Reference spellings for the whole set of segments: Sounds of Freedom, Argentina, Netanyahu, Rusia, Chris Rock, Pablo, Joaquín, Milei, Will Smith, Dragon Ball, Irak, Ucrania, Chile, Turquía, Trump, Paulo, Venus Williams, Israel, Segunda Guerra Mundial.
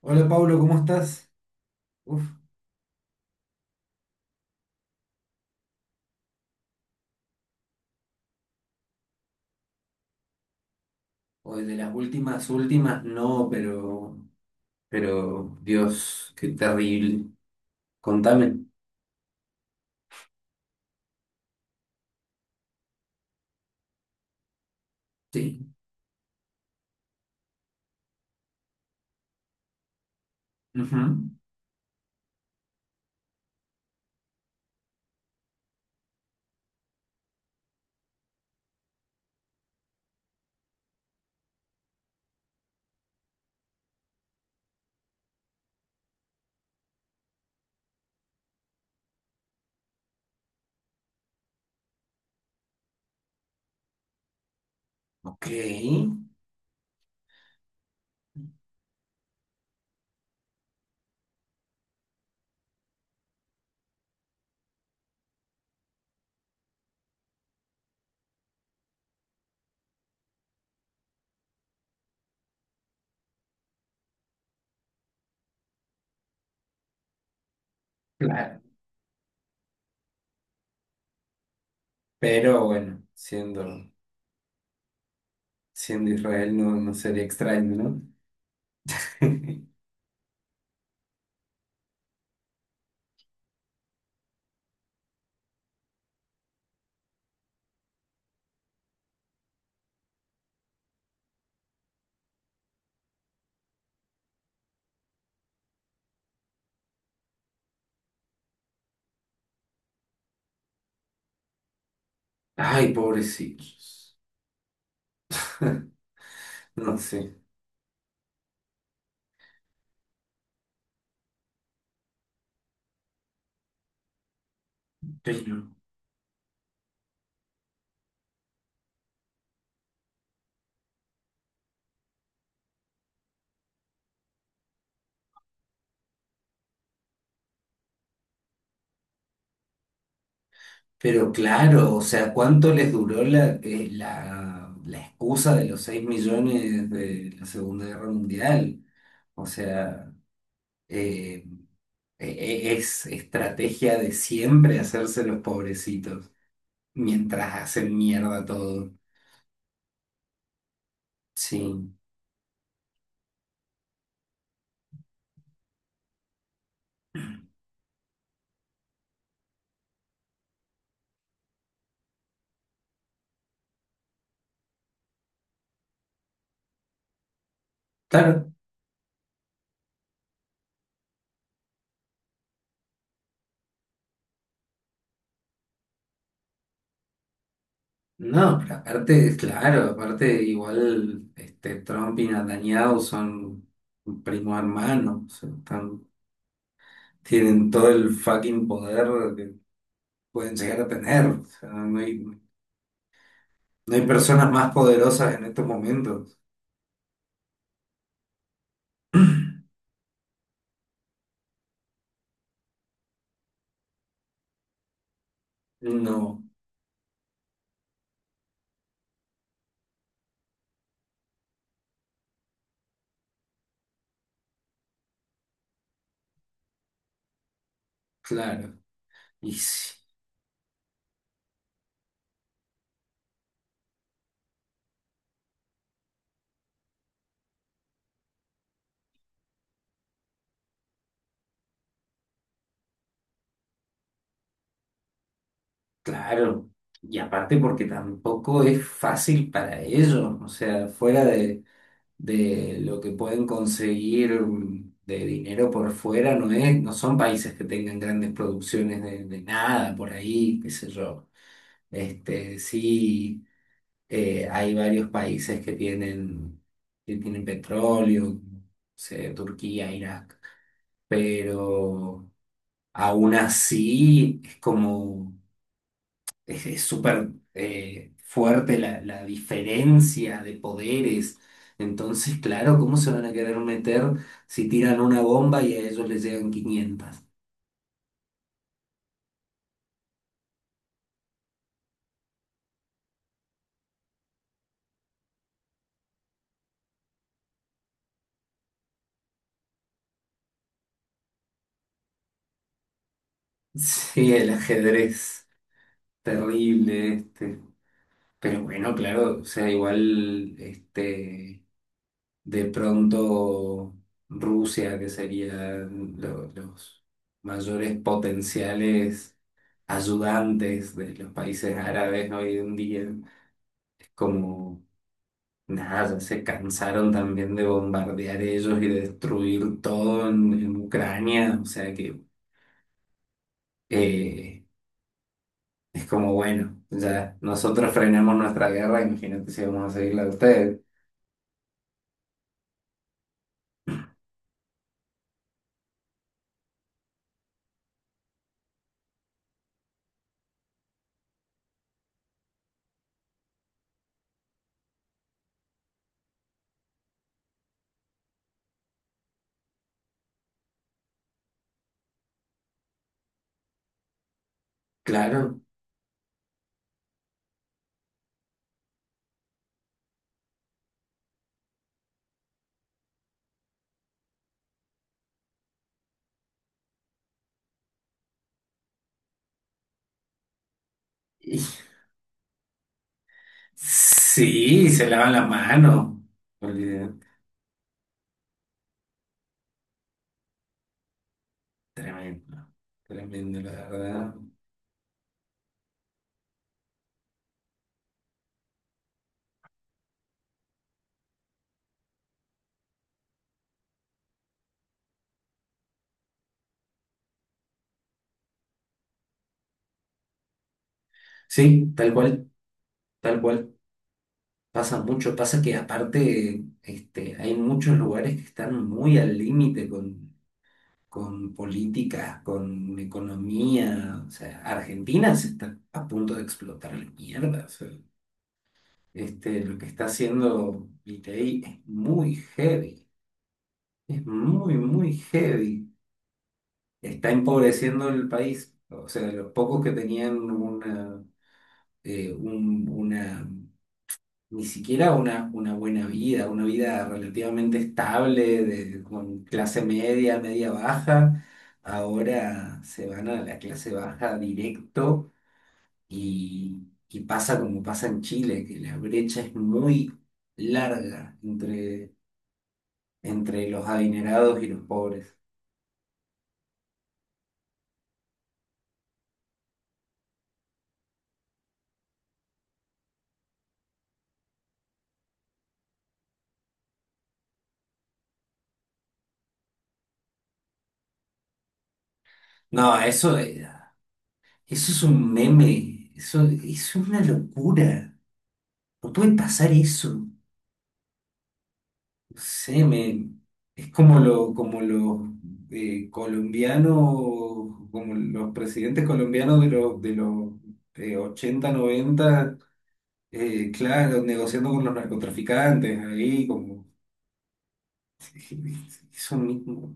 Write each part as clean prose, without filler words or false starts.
Hola Pablo, ¿cómo estás? Uf, hoy de las últimas, últimas, no, pero, Dios, qué terrible. Contame. Sí. Ujú. Ok, claro. Pero bueno, siendo, siendo Israel no, no sería extraño, ¿no? Ay, pobrecitos. No sé. Pero, pero claro, o sea, ¿cuánto les duró la la excusa de los 6 millones de la Segunda Guerra Mundial? O sea... eh, es estrategia de siempre hacerse los pobrecitos mientras hacen mierda todo. Sí, claro. No, pero aparte, claro, aparte igual este, Trump y Netanyahu son primo hermano, o sea, tienen todo el fucking poder que pueden llegar a tener. O sea, no hay personas más poderosas en estos momentos. No, claro. Y sí. Claro, y aparte porque tampoco es fácil para ellos, o sea, fuera de lo que pueden conseguir de dinero por fuera, no es, no son países que tengan grandes producciones de nada por ahí, qué sé yo. Este, sí, hay varios países que tienen petróleo, no sé, Turquía, Irak, pero aún así es como es súper fuerte la, la diferencia de poderes. Entonces, claro, ¿cómo se van a querer meter si tiran una bomba y a ellos les llegan quinientas? Sí, el ajedrez, terrible este. Pero bueno, claro, o sea, igual este, de pronto Rusia, que serían los mayores potenciales ayudantes de los países árabes, ¿no? Hoy en día como nada, ya se cansaron también de bombardear ellos y de destruir todo en Ucrania. O sea que eh, es como, bueno, ya nosotros frenamos nuestra guerra, imagínate si vamos a seguir la de ustedes. Claro. Y- sí, se lavan la mano. Olvidé. Tremendo, tremendo, la verdad. Sí, tal cual, tal cual. Pasa mucho, pasa que aparte este, hay muchos lugares que están muy al límite con políticas, con economía. O sea, Argentina se está a punto de explotar la mierda. O sea, este, lo que está haciendo Milei es muy heavy, es muy, muy heavy. Está empobreciendo el país. O sea, los pocos que tenían una, una ni siquiera una buena vida, una vida relativamente estable, de, con clase media, media baja, ahora se van a la clase baja directo y pasa como pasa en Chile, que la brecha es muy larga entre, entre los adinerados y los pobres. No, eso, eso es un meme, eso es una locura, no puede pasar eso. Sé, me, es como, lo, como los colombianos, como los presidentes colombianos de los 80, 90, claro, negociando con los narcotraficantes, ahí como eso mismo.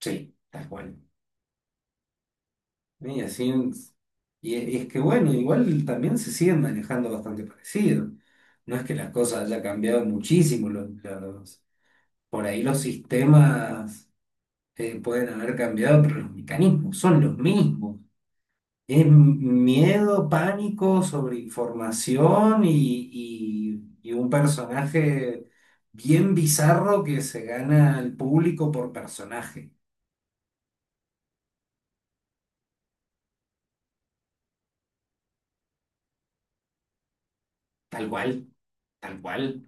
Sí, tal cual. Y así, y es que bueno, igual también se siguen manejando bastante parecido. No es que las cosas haya cambiado muchísimo, por ahí los sistemas pueden haber cambiado, pero los mecanismos son los mismos. Es miedo, pánico, sobreinformación y un personaje bien bizarro que se gana al público por personaje, tal cual, tal cual.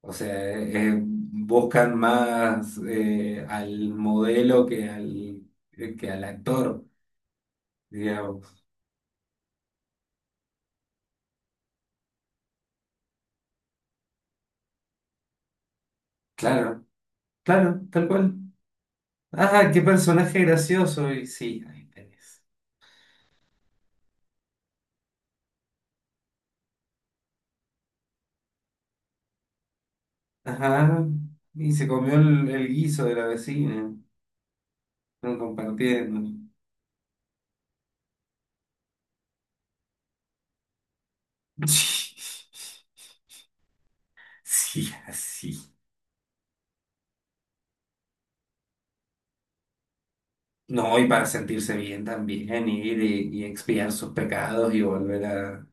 O sea, buscan más al modelo que que al actor, digamos. Claro, claro, tal cual. Ah, qué personaje gracioso. Y sí, ahí tenés. Ajá. Y se comió el guiso de la vecina. Están compartiendo. Sí, así. No, y para sentirse bien también, ir y expiar sus pecados y volver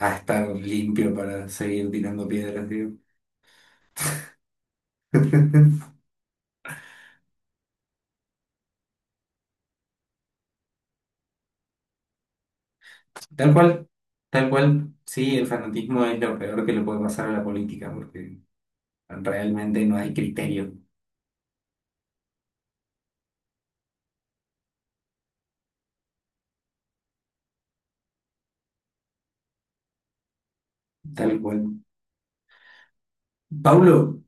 a estar limpio para seguir tirando piedras, digo. Tal cual, tal cual. Sí, el fanatismo es lo peor que le puede pasar a la política, porque realmente no hay criterio. Tal cual. Paulo,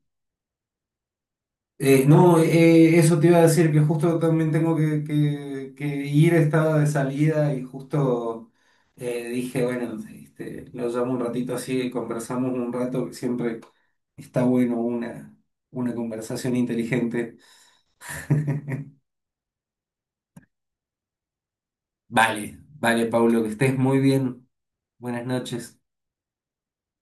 No, eso te iba a decir, que justo también tengo que, que ir, estaba de salida y justo dije, bueno, este, lo llamo un ratito así y conversamos un rato, que siempre está bueno una conversación inteligente. Vale, vale, Paulo, que estés muy bien. Buenas noches.